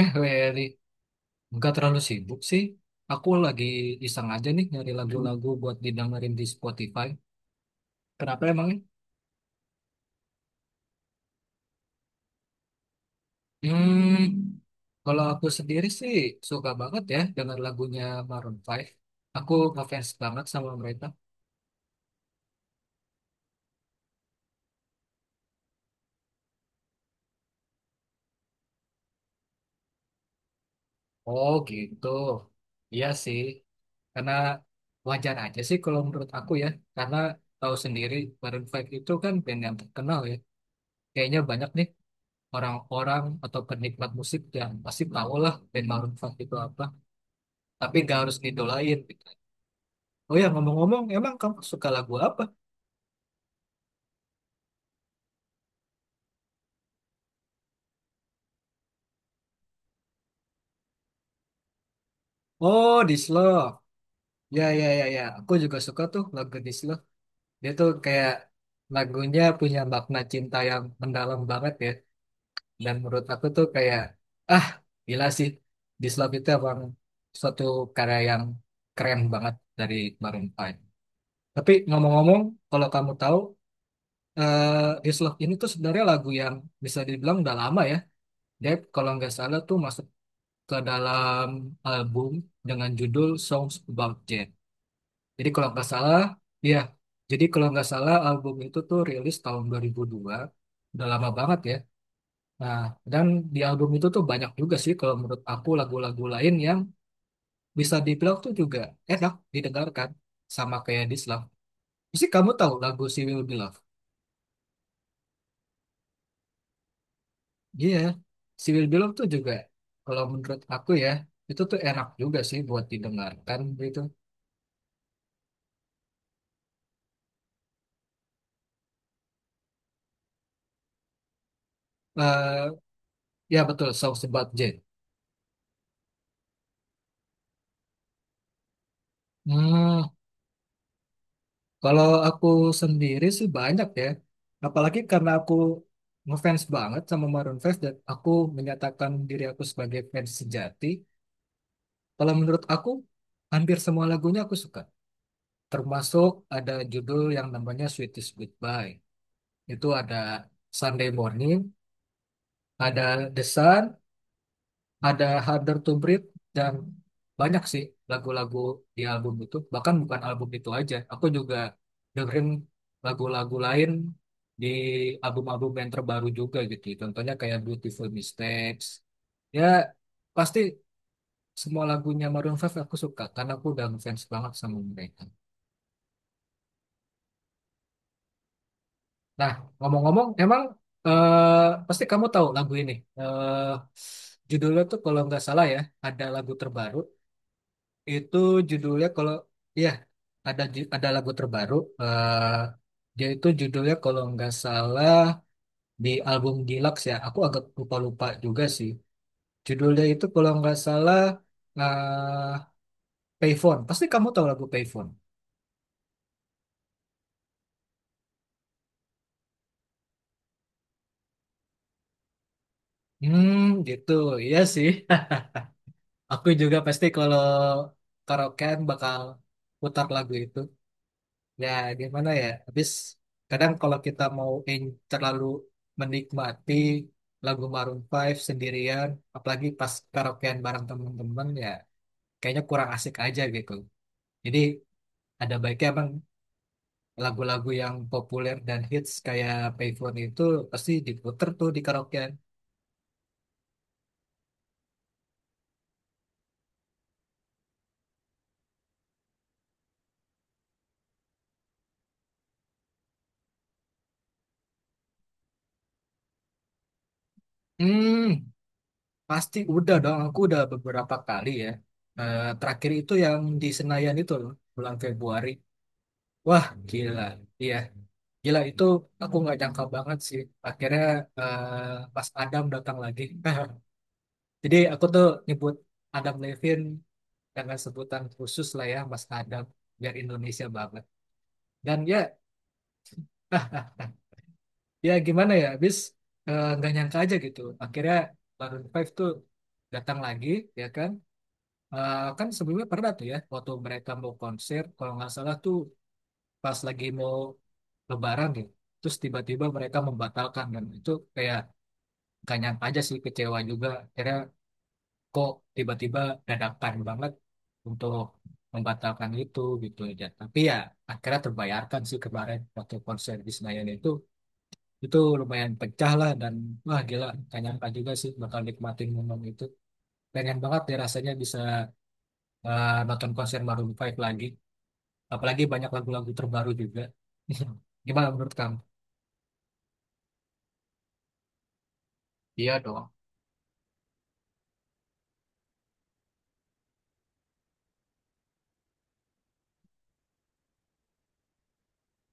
Eh, Wery, nggak terlalu sibuk sih. Aku lagi iseng aja nih nyari lagu-lagu buat didengerin di Spotify. Kenapa emangnya? Hmm, Kalau aku sendiri sih suka banget ya dengar lagunya Maroon Five. Aku ngefans banget sama mereka. Oh gitu. Iya sih. Karena wajar aja sih kalau menurut aku ya. Karena tahu sendiri Maroon Five itu kan band yang terkenal ya. Kayaknya banyak nih orang-orang atau penikmat musik yang pasti tahu lah band Maroon 5 itu apa, tapi nggak harus ngidolain gitu. Oh ya ngomong-ngomong, emang kamu suka lagu apa? Oh, This Love. Ya ya ya ya, aku juga suka tuh lagu This Love. Dia tuh kayak lagunya punya makna cinta yang mendalam banget ya. Dan menurut aku tuh kayak ah gila sih, This Love itu emang suatu karya yang keren banget dari Maroon 5. Tapi ngomong-ngomong, kalau kamu tahu This Love ini tuh sebenarnya lagu yang bisa dibilang udah lama ya. Dia kalau nggak salah tuh masuk ke dalam album dengan judul Songs About Jane. Jadi kalau nggak salah, ya. Jadi kalau nggak salah album itu tuh rilis tahun 2002. Udah lama banget ya. Nah, dan di album itu tuh banyak juga sih kalau menurut aku lagu-lagu lain yang bisa dibilang tuh juga enak didengarkan sama kayak This Love. Mesti kamu tahu lagu She Will Be Loved? Iya, Civil Below tuh juga kalau menurut aku ya itu tuh enak juga sih buat didengarkan gitu. eh Ya betul, Songs About Jane. Hmm, Kalau aku sendiri sih banyak ya. Apalagi karena aku ngefans banget sama Maroon Five. Dan aku menyatakan diri aku sebagai fans sejati. Kalau menurut aku hampir semua lagunya aku suka. Termasuk ada judul yang namanya Sweetest Goodbye. Itu ada Sunday Morning, ada The Sun, ada Harder to Breathe, dan banyak sih lagu-lagu di album itu. Bahkan bukan album itu aja, aku juga dengerin lagu-lagu lain di album-album yang terbaru juga gitu, contohnya kayak Beautiful Mistakes. Ya pasti semua lagunya Maroon 5 aku suka karena aku udah ngefans banget sama mereka. Nah, ngomong-ngomong emang pasti kamu tahu lagu ini. eh Judulnya tuh kalau nggak salah ya, ada lagu terbaru. Itu judulnya kalau ya, ada ada lagu terbaru. eh Dia itu judulnya kalau nggak salah di album Deluxe ya. Aku agak lupa-lupa juga sih. Judulnya itu kalau nggak salah eh Payphone. Pasti kamu tahu lagu Payphone. Hmm, Gitu. Iya sih. Aku juga pasti kalau karaokean bakal putar lagu itu. Ya, gimana ya? Habis kadang kalau kita mau terlalu menikmati lagu Maroon Five sendirian, apalagi pas karaokean bareng temen-temen ya, kayaknya kurang asik aja gitu. Jadi ada baiknya emang lagu-lagu yang populer dan hits kayak Payphone itu pasti diputer tuh di karaokean. Hmm, Pasti udah dong. Aku udah beberapa kali ya. Eh, terakhir itu yang di Senayan itu loh, bulan Februari. Wah, gila. Iya. Gila itu aku nggak jangka banget sih. Akhirnya eh, pas Adam datang lagi. Jadi aku tuh nyebut Adam Levin dengan sebutan khusus lah ya Mas Adam, biar Indonesia banget. Dan ya, ah ya gimana ya, nggak nyangka aja gitu. Akhirnya Maroon Five tuh datang lagi, ya kan. Eh, kan sebelumnya pernah tuh ya waktu mereka mau konser, kalau nggak salah tuh pas lagi mau lebaran gitu, terus tiba-tiba mereka membatalkan. Dan itu kayak gak nyangka aja sih, kecewa juga akhirnya. Kok tiba-tiba dadakan banget untuk membatalkan itu gitu aja. Tapi ya akhirnya terbayarkan sih kemarin waktu konser di Senayan itu. Itu lumayan pecah lah, dan wah gila, gak nyangka juga sih bakal nikmatin momen itu. Pengen banget ya rasanya bisa nonton konser Maroon Five lagi, apalagi banyak lagu-lagu terbaru juga. Gimana menurut kamu? Iya dong.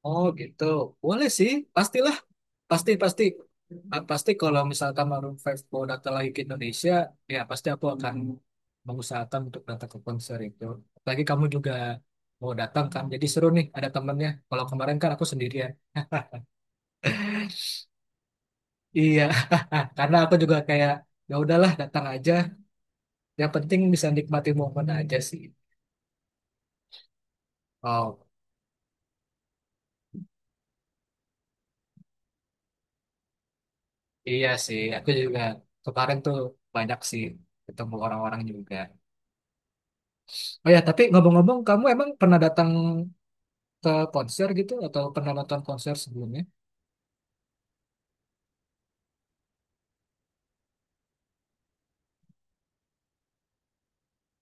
Oh gitu, boleh sih, pastilah, pasti pasti. Pasti kalau misalkan Maroon Five mau datang lagi ke Indonesia, ya pasti aku akan mengusahakan untuk datang ke konser itu. Lagi kamu juga mau datang kan, jadi seru nih ada temennya. Kalau kemarin kan aku sendirian. Iya, karena aku juga kayak ya udahlah datang aja. Yang penting bisa nikmati momen aja sih. Oh iya sih, aku juga kemarin tuh banyak sih ketemu orang-orang juga. Oh ya, tapi ngomong-ngomong, kamu emang pernah datang ke konser gitu atau pernah nonton konser sebelumnya?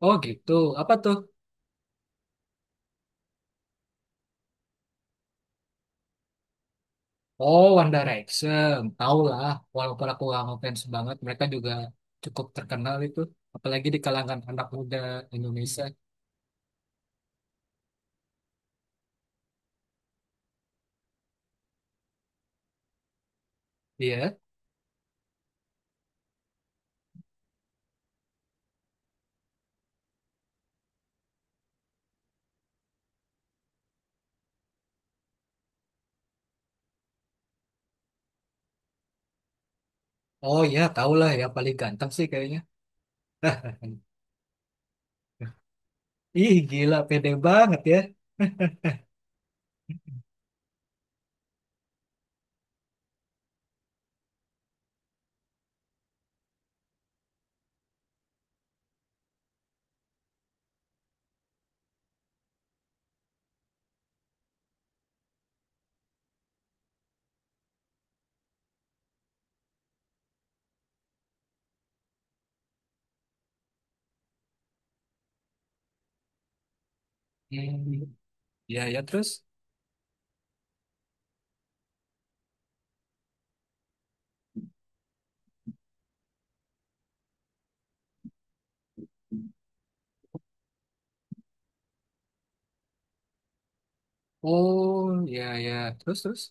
Oh gitu, apa tuh? Oh One Direction, tau lah. Walaupun aku gak ngefans banget, mereka juga cukup terkenal itu. Apalagi di kalangan anak muda Indonesia. Iya, oh ya, tau lah ya, paling ganteng sih kayaknya. Ih gila, pede banget ya. Hmm. Ya ya terus. Oh ya ya terus terus.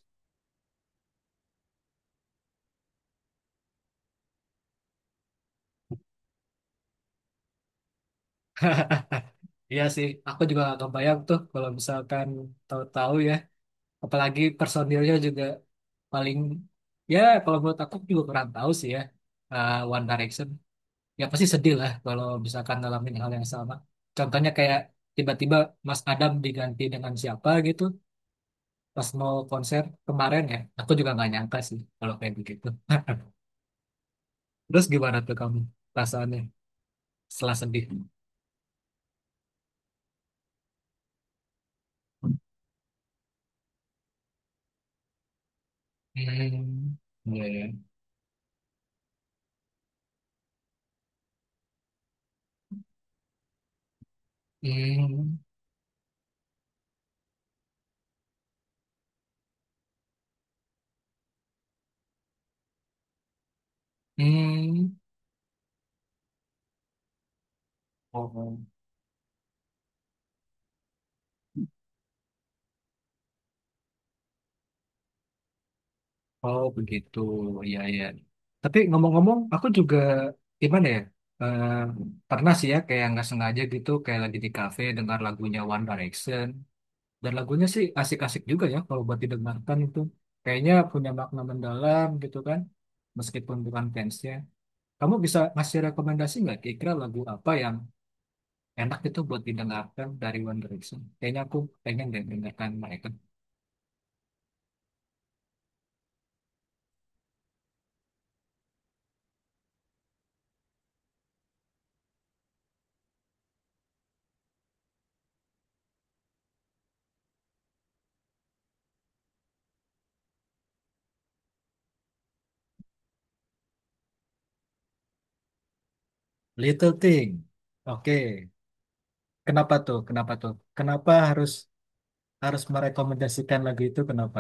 Iya sih, aku juga gak kebayang tuh kalau misalkan tahu-tahu ya, apalagi personilnya juga paling, ya kalau menurut aku juga kurang tahu sih ya, One Direction ya pasti sedih lah kalau misalkan ngalamin hal yang sama. Contohnya kayak tiba-tiba Mas Adam diganti dengan siapa gitu pas mau konser kemarin, ya aku juga nggak nyangka sih kalau kayak begitu. Terus gimana tuh kamu perasaannya setelah sedih. Hmm, iya ya. Hmm. Hmm. Oh. Oh begitu, iya iya. Tapi ngomong-ngomong, aku juga gimana ya? eh, Pernah sih ya kayak nggak sengaja gitu, kayak lagi di kafe dengar lagunya One Direction, dan lagunya sih asik-asik juga ya kalau buat didengarkan itu. Kayaknya punya makna mendalam gitu kan, meskipun bukan fansnya. Kamu bisa ngasih rekomendasi nggak kira-kira lagu apa yang enak itu buat didengarkan dari One Direction? Kayaknya aku pengen deh dengarkan mereka. Little Thing, oke. Kenapa tuh? Kenapa tuh? Kenapa harus harus merekomendasikan lagu itu? Kenapa?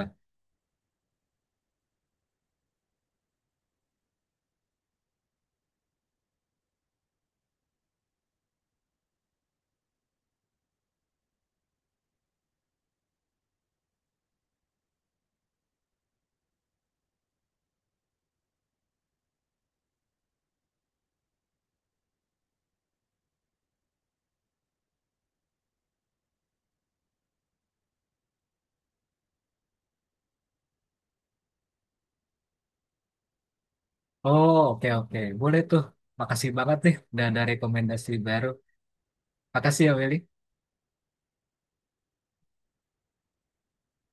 Oh, oke oke. Boleh tuh. Makasih banget nih udah ada rekomendasi baru. Makasih ya Willy.